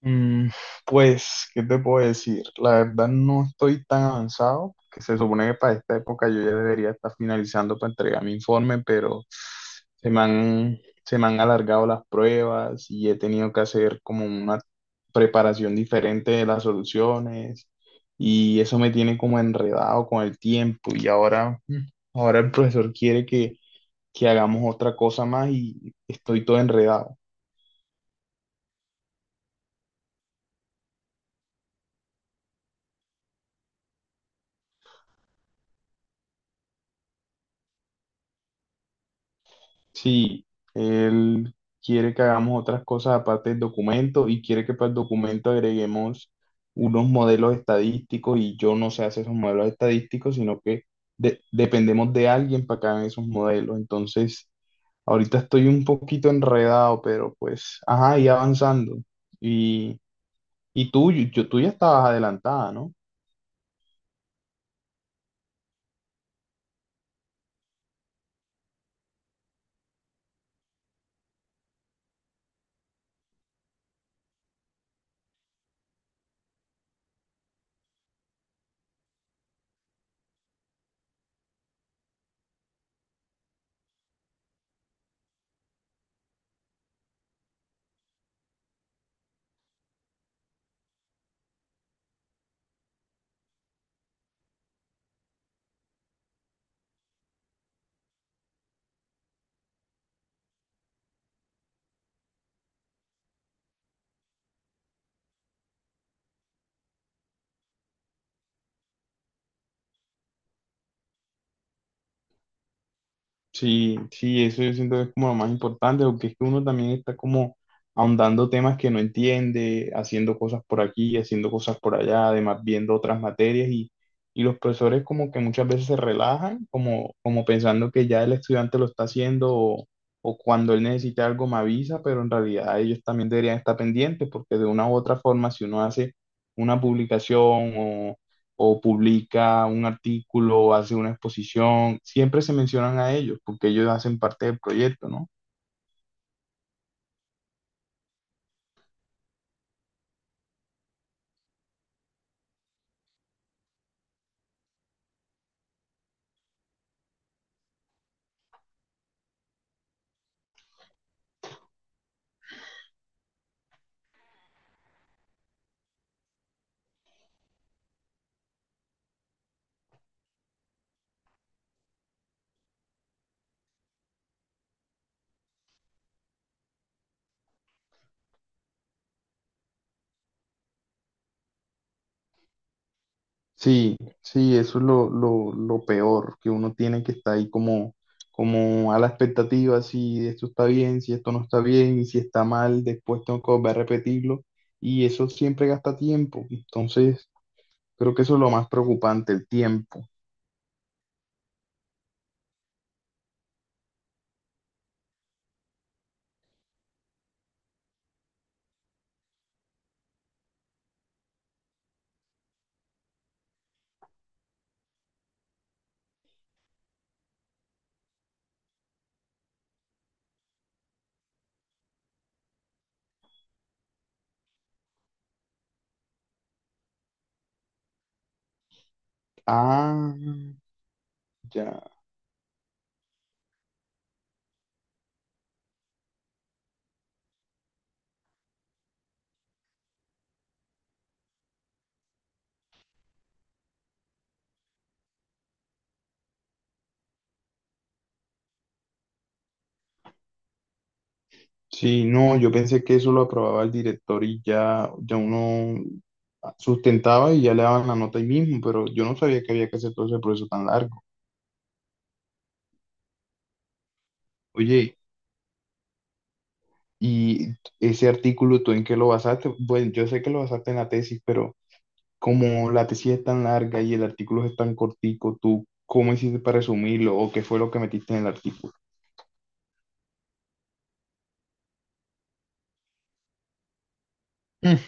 Mm, pues, ¿qué te puedo decir? La verdad no estoy tan avanzado, que se supone que para esta época yo ya debería estar finalizando para entregar mi informe, pero se me han, se me han alargado las pruebas y he tenido que hacer como una preparación diferente de las soluciones, y eso me tiene como enredado con el tiempo. Y ahora, ahora el profesor quiere que hagamos otra cosa más y estoy todo enredado. Sí, él quiere que hagamos otras cosas aparte del documento, y quiere que para el documento agreguemos unos modelos estadísticos, y yo no sé hacer esos modelos estadísticos, sino que dependemos de alguien para que hagan esos modelos. Entonces, ahorita estoy un poquito enredado, pero pues, ajá, y avanzando. Y, y tú, tú ya estabas adelantada, ¿no? Sí, sí, eso yo siento que es como lo más importante, porque es que uno también está como ahondando temas que no entiende, haciendo cosas por aquí, haciendo cosas por allá, además viendo otras materias y los profesores como que muchas veces se relajan, como pensando que ya el estudiante lo está haciendo, o cuando él necesite algo me avisa, pero en realidad ellos también deberían estar pendientes, porque de una u otra forma si uno hace una publicación o publica un artículo o hace una exposición, siempre se mencionan a ellos porque ellos hacen parte del proyecto, ¿no? Sí, sí, eso es lo peor, que uno tiene que estar ahí como, como a la expectativa, si esto está bien, si esto no está bien, y si está mal, después tengo que volver a repetirlo, y eso siempre gasta tiempo. Entonces creo que eso es lo más preocupante, el tiempo. Ah, ya. Sí, no, yo pensé que eso lo aprobaba el director y ya, ya uno sustentaba y ya le daban la nota ahí mismo, pero yo no sabía que había que hacer todo ese proceso tan largo. Oye, ¿y ese artículo tú en qué lo basaste? Bueno, yo sé que lo basaste en la tesis, pero como la tesis es tan larga y el artículo es tan cortico, ¿tú cómo hiciste para resumirlo o qué fue lo que metiste en el artículo? Mm,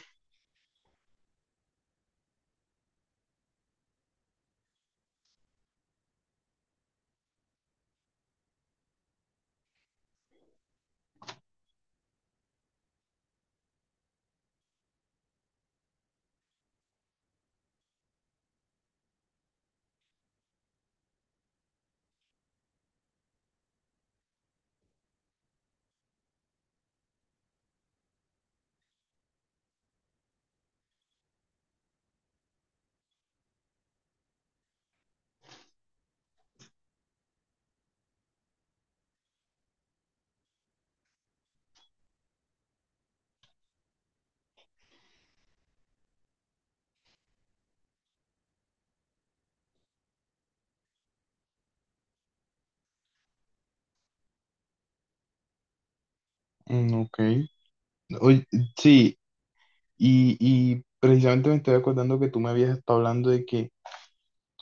ok. Oye, sí, y precisamente me estoy acordando que tú me habías estado hablando de que…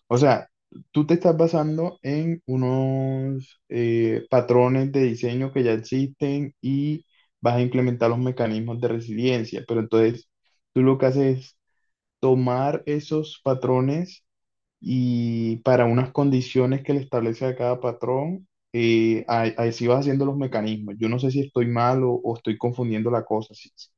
O sea, tú te estás basando en unos patrones de diseño que ya existen y vas a implementar los mecanismos de resiliencia, pero entonces tú lo que haces es tomar esos patrones y para unas condiciones que le establece a cada patrón, así vas haciendo los mecanismos. Yo no sé si estoy mal o estoy confundiendo la cosa. Sí, sí.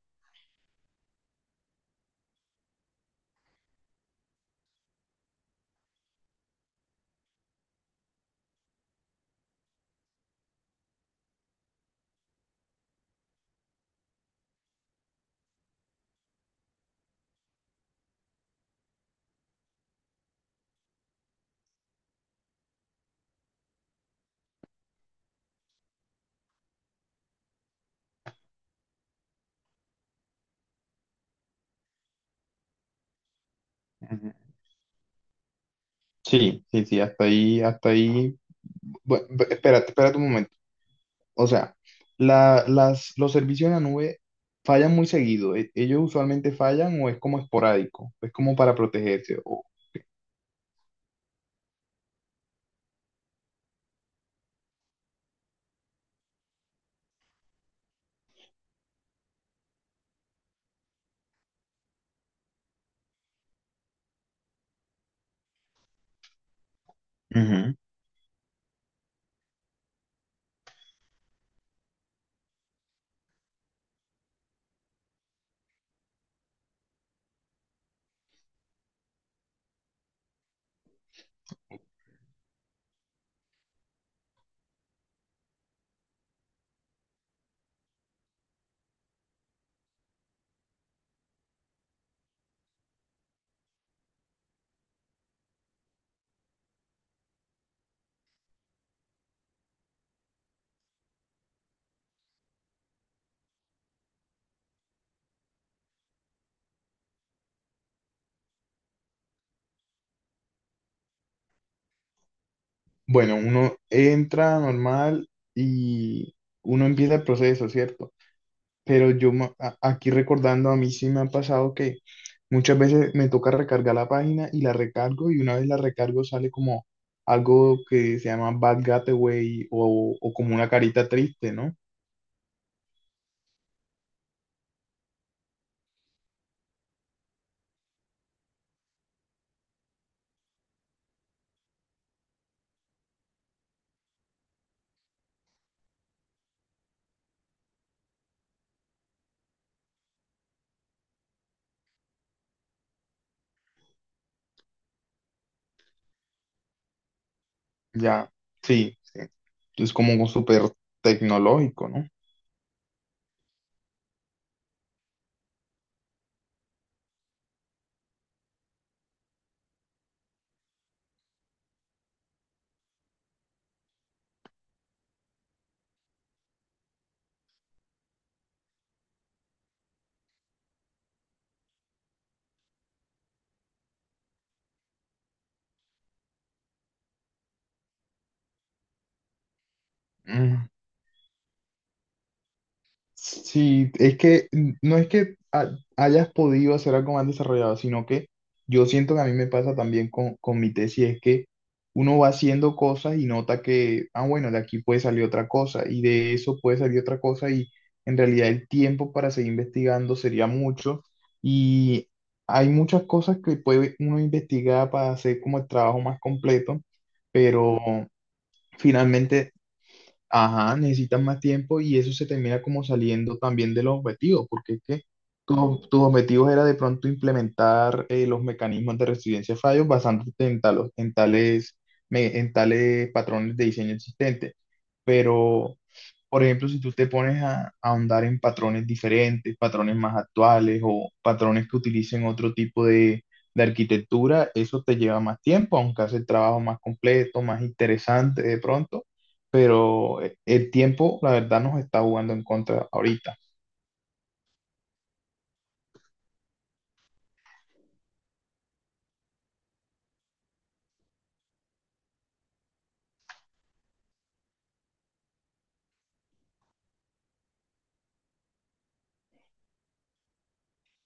Ujú. Sí, sí, sí, hasta ahí, hasta ahí. Bueno, espérate, espérate un momento. O sea, los servicios en la nube fallan muy seguido. Ellos usualmente fallan o es como esporádico, es como para protegerse. O… Ujú. Bueno, uno entra normal y uno empieza el proceso, ¿cierto? Pero yo aquí recordando, a mí sí me ha pasado que muchas veces me toca recargar la página, y la recargo, y una vez la recargo sale como algo que se llama Bad Gateway, o como una carita triste, ¿no? Ya, sí, sí. Es como súper tecnológico, ¿no? Sí, es que no es que hayas podido hacer algo más desarrollado, sino que yo siento que a mí me pasa también con mi tesis. Es que uno va haciendo cosas y nota que, ah, bueno, de aquí puede salir otra cosa, y de eso puede salir otra cosa, y en realidad el tiempo para seguir investigando sería mucho, y hay muchas cosas que puede uno investigar para hacer como el trabajo más completo, pero finalmente… Ajá, necesitas más tiempo, y eso se termina como saliendo también de los objetivos, porque es que tus objetivos era de pronto implementar los mecanismos de resiliencia a fallos basándote en, en tales patrones de diseño existentes. Pero, por ejemplo, si tú te pones a ahondar en patrones diferentes, patrones más actuales o patrones que utilicen otro tipo de arquitectura, eso te lleva más tiempo, aunque hace el trabajo más completo, más interesante de pronto, pero el tiempo, la verdad, nos está jugando en contra ahorita.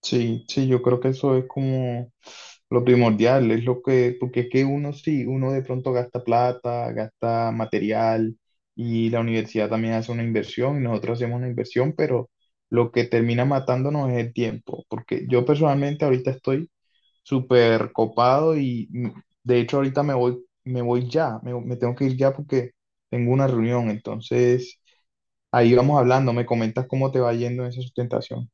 Sí, sí, yo creo que eso es como lo primordial, es lo que… porque es que uno sí, uno de pronto gasta plata, gasta material, y la universidad también hace una inversión y nosotros hacemos una inversión, pero lo que termina matándonos es el tiempo, porque yo personalmente ahorita estoy súper copado, y de hecho ahorita me voy ya, me tengo que ir ya porque tengo una reunión, entonces... Ahí vamos hablando, me comentas cómo te va yendo en esa sustentación.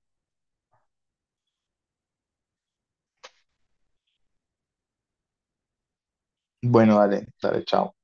Bueno, dale, dale, chao.